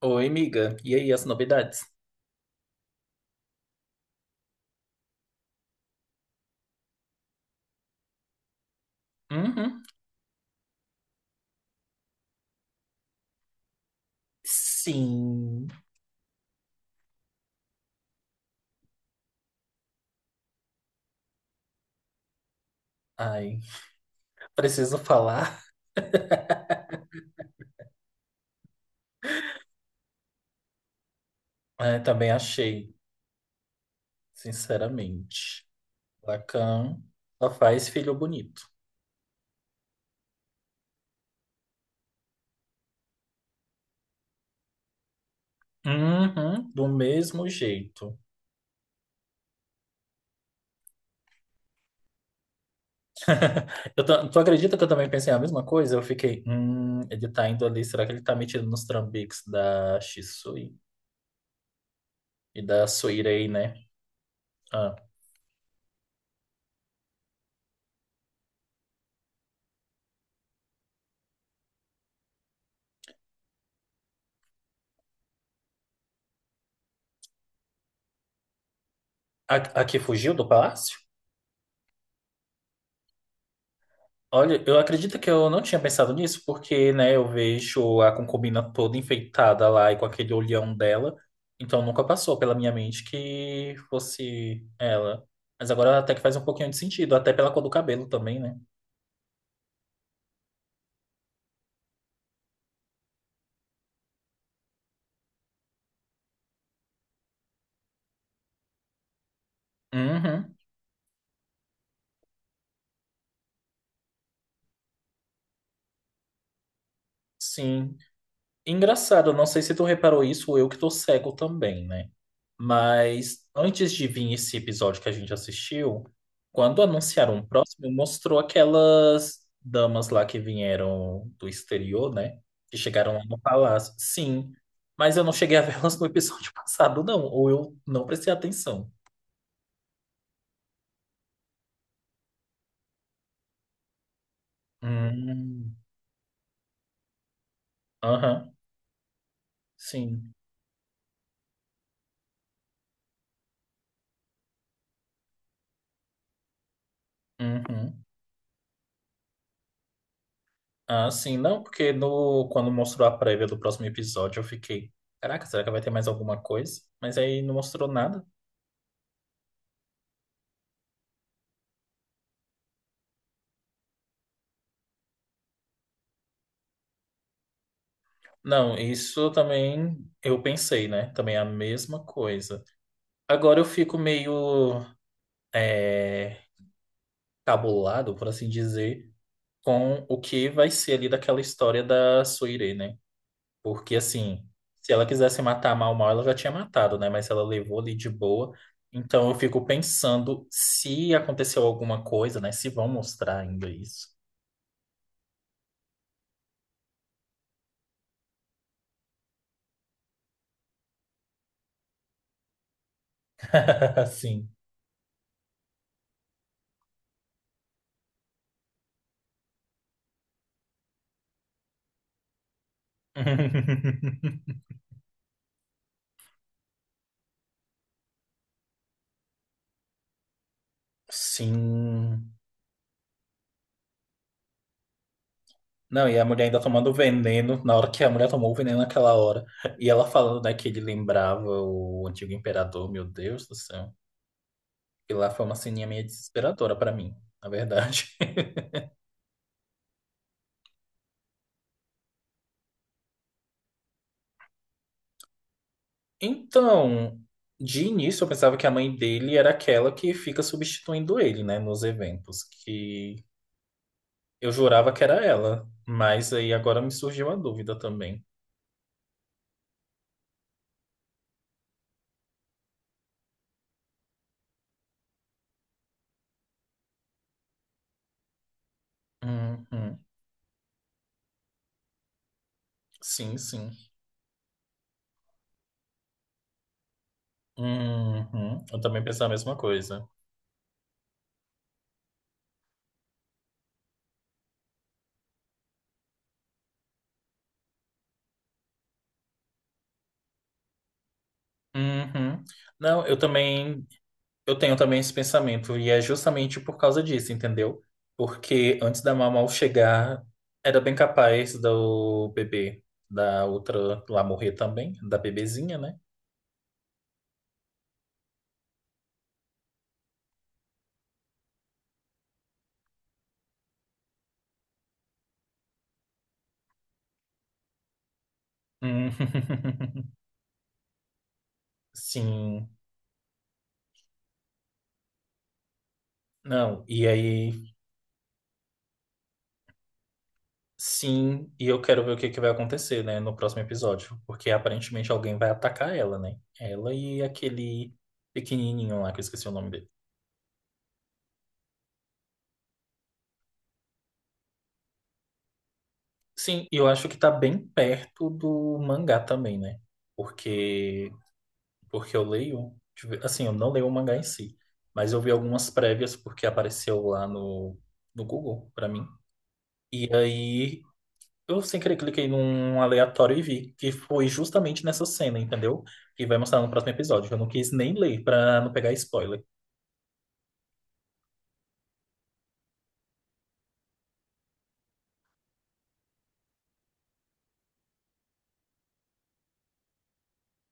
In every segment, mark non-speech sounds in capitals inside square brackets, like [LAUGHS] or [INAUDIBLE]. Oi, amiga. E aí, as novidades? Uhum. Sim. Ai, preciso falar. [LAUGHS] É, também achei, sinceramente. Lacan só faz filho bonito. Uhum, do mesmo jeito. [LAUGHS] Tu acredita que eu também pensei a mesma coisa? Eu fiquei, ele tá indo ali, será que ele tá metido nos trambiques da Shisui e da Suirei, né? Ah, a, a que fugiu do palácio? Olha, eu acredito que eu não tinha pensado nisso, porque, né, eu vejo a concubina toda enfeitada lá e com aquele olhão dela, então nunca passou pela minha mente que fosse ela. Mas agora até que faz um pouquinho de sentido, até pela cor do cabelo também, né? Uhum, sim. Engraçado, não sei se tu reparou isso ou eu que tô cego também, né? Mas antes de vir esse episódio que a gente assistiu, quando anunciaram o próximo, mostrou aquelas damas lá que vieram do exterior, né? Que chegaram lá no palácio. Sim, mas eu não cheguei a [LAUGHS] vê-las no episódio [LAUGHS] passado, não. Ou eu não prestei atenção. Hum, aham, sim. Uhum. Ah, sim, não, porque no, quando mostrou a prévia do próximo episódio, eu fiquei, caraca, será que vai ter mais alguma coisa? Mas aí não mostrou nada. Não, isso também eu pensei, né? Também é a mesma coisa. Agora eu fico meio é, cabulado, por assim dizer, com o que vai ser ali daquela história da Suire, né? Porque, assim, se ela quisesse matar mal, mal, ela já tinha matado, né? Mas ela levou ali de boa. Então, eu fico pensando se aconteceu alguma coisa, né? Se vão mostrar ainda isso. [LAUGHS] Sim. [LAUGHS] Sim. Não, e a mulher ainda tomando veneno, na hora que a mulher tomou o veneno naquela hora. E ela falando, né, que ele lembrava o antigo imperador, meu Deus do céu. E lá foi uma ceninha meio desesperadora pra mim, na verdade. Então, de início eu pensava que a mãe dele era aquela que fica substituindo ele, né, nos eventos, que eu jurava que era ela, mas aí agora me surgiu a dúvida também. Uhum. Sim, sim. Uhum. Eu também pensava a mesma coisa. Uhum. Não, eu também, eu tenho também esse pensamento, e é justamente por causa disso, entendeu? Porque antes da Mamau chegar, era bem capaz do bebê da outra lá morrer também, da bebezinha, né? Hum, [LAUGHS] Sim. Não, e aí, sim, e eu quero ver o que que vai acontecer, né, no próximo episódio, porque aparentemente alguém vai atacar ela, né? Ela e aquele pequenininho lá, que eu esqueci o nome dele. Sim, e eu acho que tá bem perto do mangá também, né? Porque porque eu leio, deixa eu ver, assim, eu não leio o mangá em si, mas eu vi algumas prévias porque apareceu lá no Google pra mim. E aí eu sem querer cliquei num aleatório e vi que foi justamente nessa cena, entendeu? Que vai mostrar no próximo episódio. Eu não quis nem ler pra não pegar spoiler.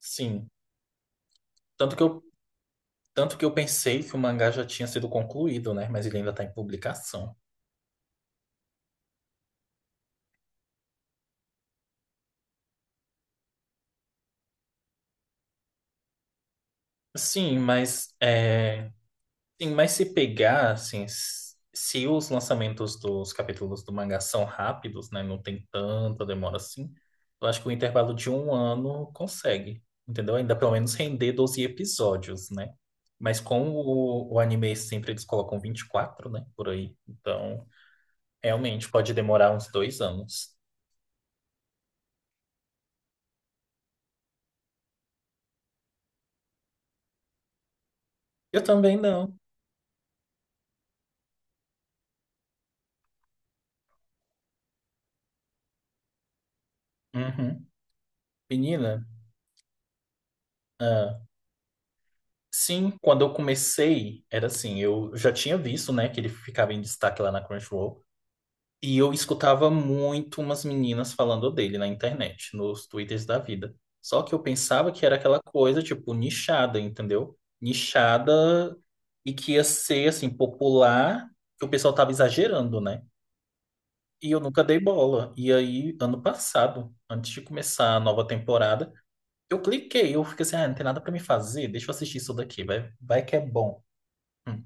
Sim. Tanto que eu, tanto que eu pensei que o mangá já tinha sido concluído, né? Mas ele ainda tá em publicação. Sim, mas é, sim, mas se pegar, assim, se os lançamentos dos capítulos do mangá são rápidos, né, não tem tanta demora assim, eu acho que o intervalo de um ano consegue, entendeu? Ainda pelo menos render 12 episódios, né? Mas com o anime sempre eles colocam 24 né, por aí. Então, realmente pode demorar uns 2 anos. Eu também não. Uhum. Menina, ah, sim, quando eu comecei, era assim, eu já tinha visto, né, que ele ficava em destaque lá na Crunchyroll. E eu escutava muito umas meninas falando dele na internet, nos twitters da vida. Só que eu pensava que era aquela coisa, tipo, nichada, entendeu? Nichada e que ia ser, assim, popular, que o pessoal tava exagerando, né? E eu nunca dei bola. E aí, ano passado, antes de começar a nova temporada, eu fiquei assim, ah, não tem nada pra me fazer, deixa eu assistir isso daqui, vai, vai que é bom. Hum.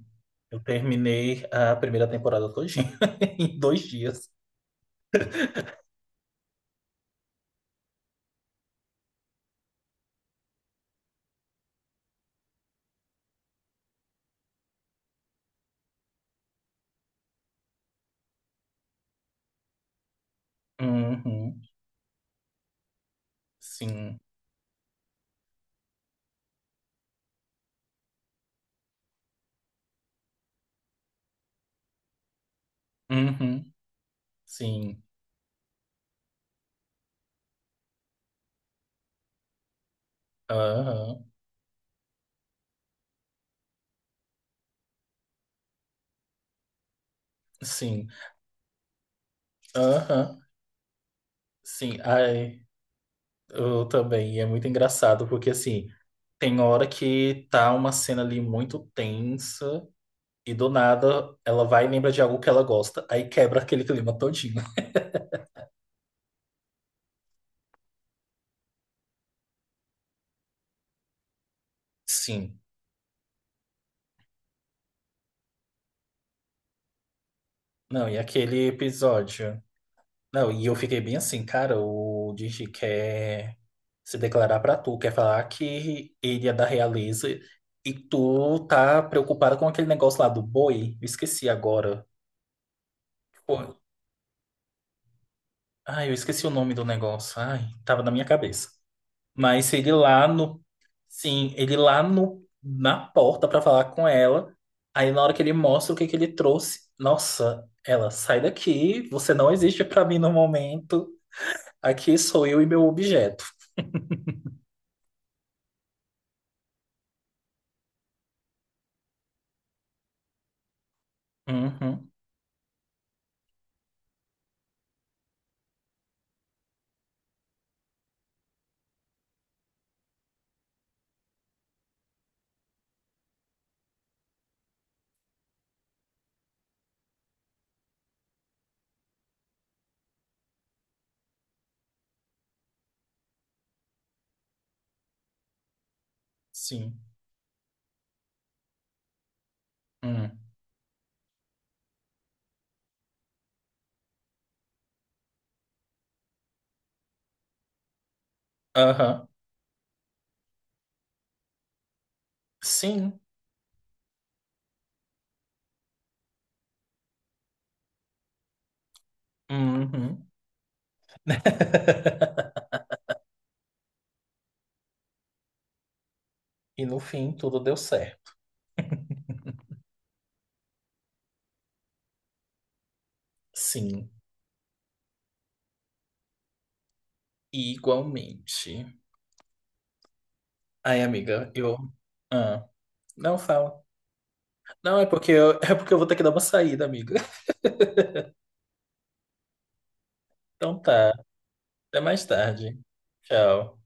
Eu terminei a primeira temporada todinha [LAUGHS] em 2 dias. Uhum. Sim. Uhum. Sim. Aham. Sim. Aham. Sim. Ai, eu também. E é muito engraçado, porque assim, tem hora que tá uma cena ali muito tensa e do nada ela vai e lembra de algo que ela gosta, aí quebra aquele clima todinho. [LAUGHS] Sim. Não, e aquele episódio? Não, e eu fiquei bem assim, cara, o Digi quer se declarar pra tu, quer falar que ele é da realeza e tu tá preocupada com aquele negócio lá do boi. Eu esqueci agora. Pô, ai, eu esqueci o nome do negócio. Ai, tava na minha cabeça. Mas ele lá no, sim, ele lá no, na porta pra falar com ela. Aí na hora que ele mostra o que que ele trouxe, nossa, ela, sai daqui, você não existe pra mim no momento. Aqui sou eu e meu objeto. Uhum. Sim. Hum. Aham. Sim. Uhum. [LAUGHS] E no fim, tudo deu certo. Sim. Igualmente. Ai, amiga, eu. Ah, não fala. Não, é porque eu... [LAUGHS] é porque eu vou ter que dar uma saída, amiga. Então tá. Até mais tarde. Tchau.